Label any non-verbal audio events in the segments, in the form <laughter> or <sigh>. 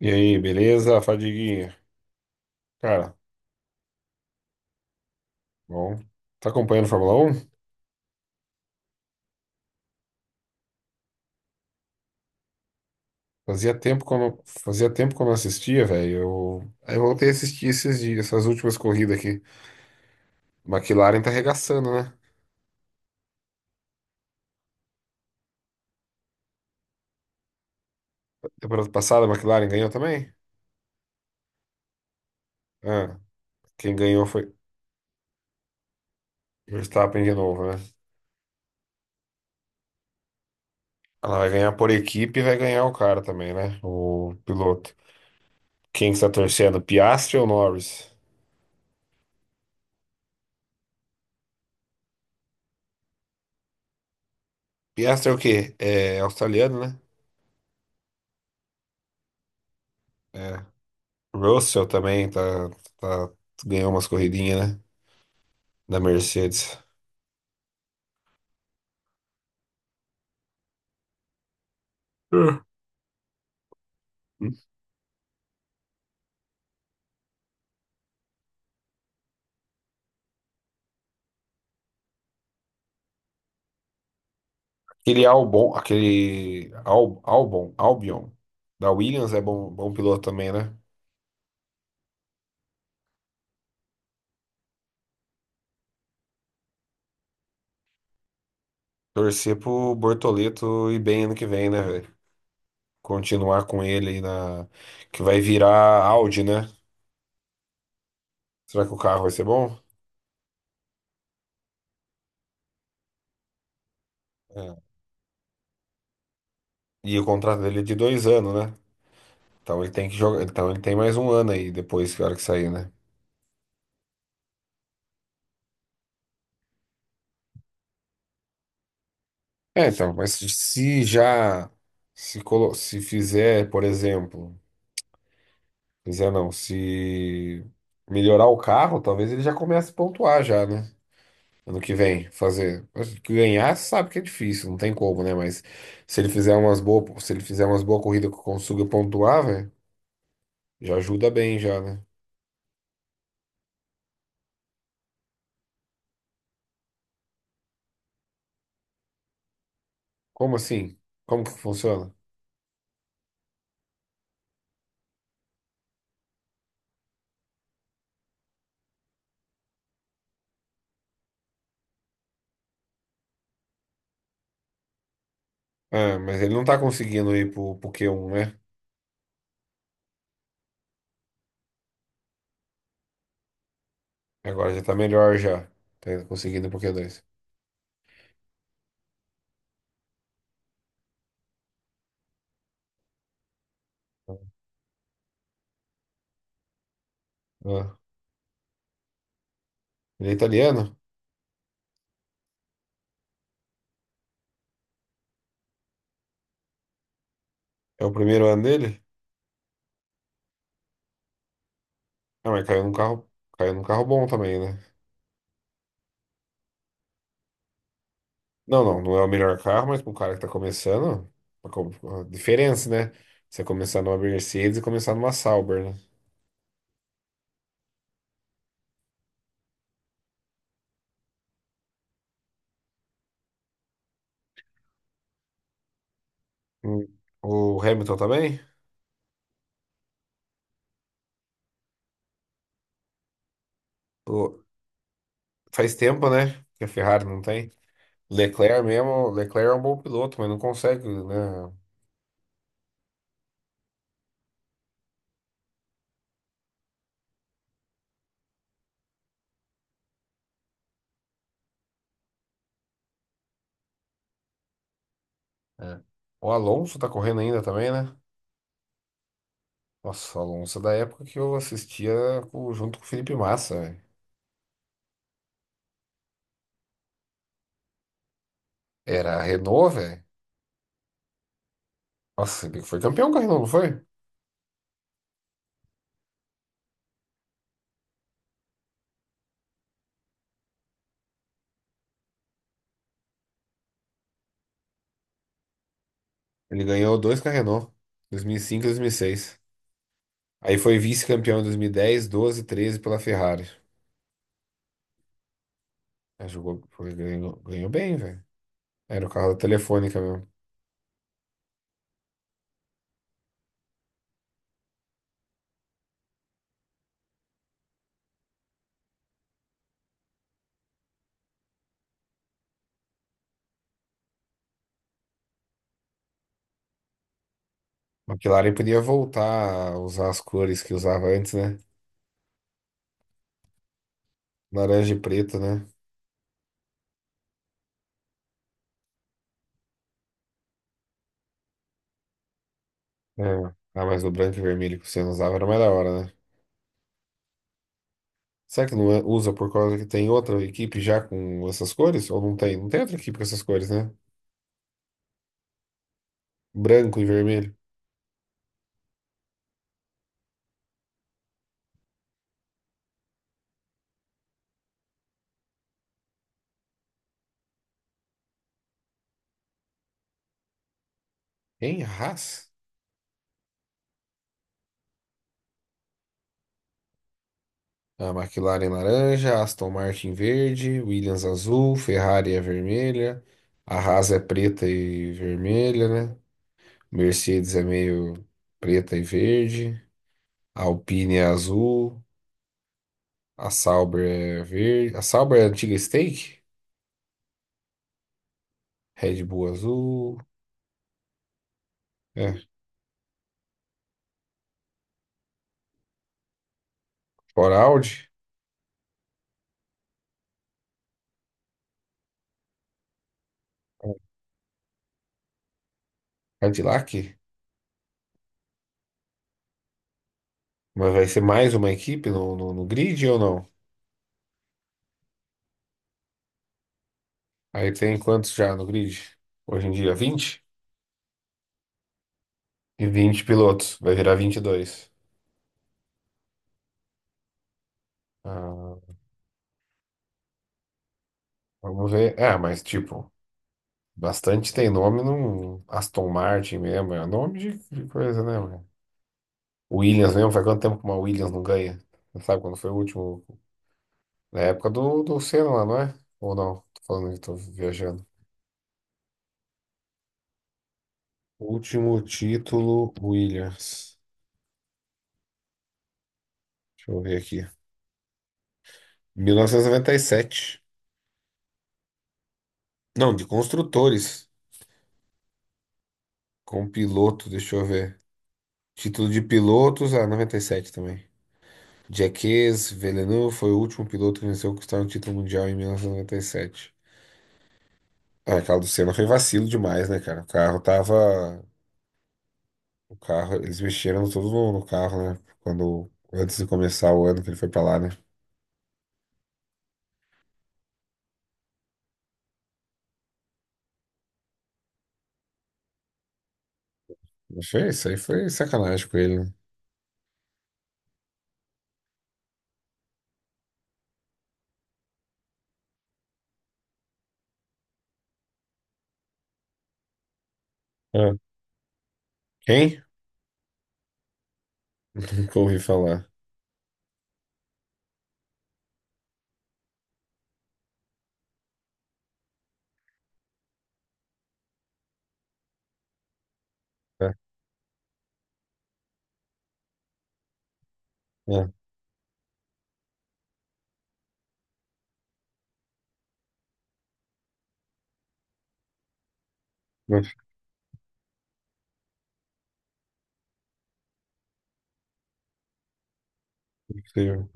E aí, beleza, Fadiguinha? Cara, bom. Tá acompanhando Fórmula 1. Fazia tempo que eu não assistia, velho. Aí eu voltei a assistir esses dias, essas últimas corridas aqui. McLaren tá arregaçando, né? Temporada passada, a McLaren ganhou também? Ah, quem ganhou foi Verstappen de novo, né? Ela vai ganhar por equipe e vai ganhar o cara também, né? O piloto. Quem que está torcendo? Piastri ou Norris? Piastri é o quê? É australiano, né? É. Russell também tá- ganhou umas corridinhas, né? Da Mercedes. Hum. Aquele Albon, aquele Al, Albon, Albion, da Williams é bom, bom piloto também, né? Torcer pro Bortoleto ir bem ano que vem, né, velho? Continuar com ele aí na. Que vai virar Audi, né? Será que o carro vai ser bom? É. E o contrato dele é de 2 anos, né? Então ele tem que jogar. Então ele tem mais um ano aí depois que a hora que sair, né? É, então, mas se já se, colo- se fizer, por exemplo, fizer não, se melhorar o carro, talvez ele já comece a pontuar já, né? Ano que vem, fazer. Mas ganhar, sabe que é difícil, não tem como, né? Mas se ele fizer umas boas, se ele fizer umas boas corridas que consiga pontuar, velho, já ajuda bem já, né? Como assim? Como que funciona? Ah, mas ele não tá conseguindo ir pro Q1, né? Agora já tá melhor já. Tá conseguindo ir pro Q2. Ah, ele é italiano? É o primeiro ano dele? Ah, mas caiu num carro bom também, né? Não, não, não é o melhor carro, mas para um cara que está começando, a co- a diferença, né? Você começar numa Mercedes e começar numa Sauber, né? Hum. O Hamilton também? O- Faz tempo, né? Que a Ferrari não tem. Leclerc mesmo, Leclerc é um bom piloto, mas não consegue, né? É. O Alonso tá correndo ainda também, né? Nossa, o Alonso é da época que eu assistia junto com o Felipe Massa, velho. Era a Renault, velho. Nossa, ele foi campeão com a Renault, não foi? Ele ganhou dois com a Renault, 2005 e 2006. Aí foi vice-campeão em 2010, 12 e 13 pela Ferrari. Aí jogou, ganhou bem, velho. Era o carro da Telefônica mesmo. A McLaren podia voltar a usar as cores que usava antes, né? Laranja e preto, né? É. Ah, mas o branco e vermelho que você não usava era mais da hora, né? Será que não é- usa por causa que tem outra equipe já com essas cores? Ou não tem? Não tem outra equipe com essas cores, né? Branco e vermelho. Hein? Haas? A McLaren laranja, Aston Martin verde, Williams azul, Ferrari é vermelha, a Haas é preta e vermelha, né? Mercedes é meio preta e verde, a Alpine é azul, a Sauber é verde, a Sauber é a antiga Stake, Red Bull azul, é, fora Audi, Cadillac, mas vai ser mais uma equipe no grid ou não? Aí tem quantos já no grid? Hoje em dia, 20. E 20 pilotos, vai virar 22. Ah. Vamos ver. É, mas tipo, bastante tem nome no Aston Martin mesmo. É nome de coisa, né, mano? Williams mesmo, faz quanto tempo que uma Williams não ganha? Você sabe quando foi o último? Na época do Senna lá, não é? Ou não? Tô falando que tô viajando. Último título, Williams. Deixa eu ver aqui. 1997. Não, de construtores. Com piloto, deixa eu ver. Título de pilotos, ah, 97 também. Jacques Villeneuve foi o último piloto que venceu conquistar um título mundial em mil novecentos e noventa e sete. Ah, aquela do Senna foi vacilo demais, né, cara? O carro tava. O carro, eles mexeram tudo no carro, né? Quando, antes de começar o ano que ele foi pra lá, né? Mas foi isso aí, foi sacanagem com ele, né? Ah, quem? <laughs> Nunca ouvi falar. Ah, ah, não, sei, sei.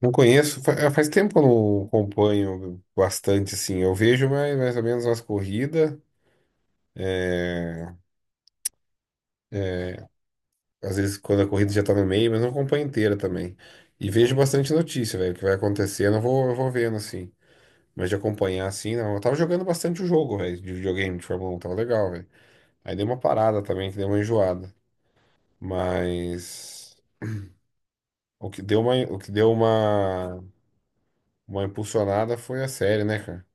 Não conheço, faz tempo que eu não acompanho bastante, assim. Eu vejo mais ou menos as corridas. é, Às vezes quando a corrida já tá no meio, mas não acompanho inteira também. E vejo bastante notícia, velho, o que vai acontecer, eu não vou, eu vou vendo assim. Mas de acompanhar assim, não. Eu tava jogando bastante o jogo, velho, de videogame, de Fórmula 1, tava legal, velho. Aí deu uma parada também, que deu uma enjoada. Mas o que deu uma, o que deu uma impulsionada foi a série, né, cara?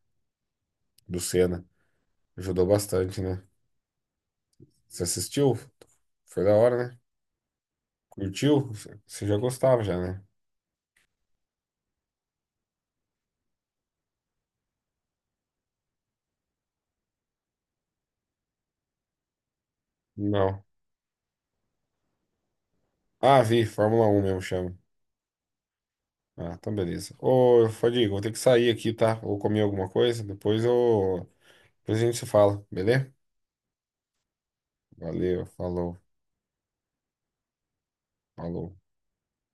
Do Senna. Ajudou bastante, né? Você assistiu? Foi da hora, né? Curtiu? Você já gostava já, né? Não. Ah, vi, Fórmula 1 mesmo chama. Ah, então beleza. Ô, Fadiga, vou ter que sair aqui, tá? Vou comer alguma coisa, depois eu... Depois a gente se fala, beleza? Valeu, falou, falou.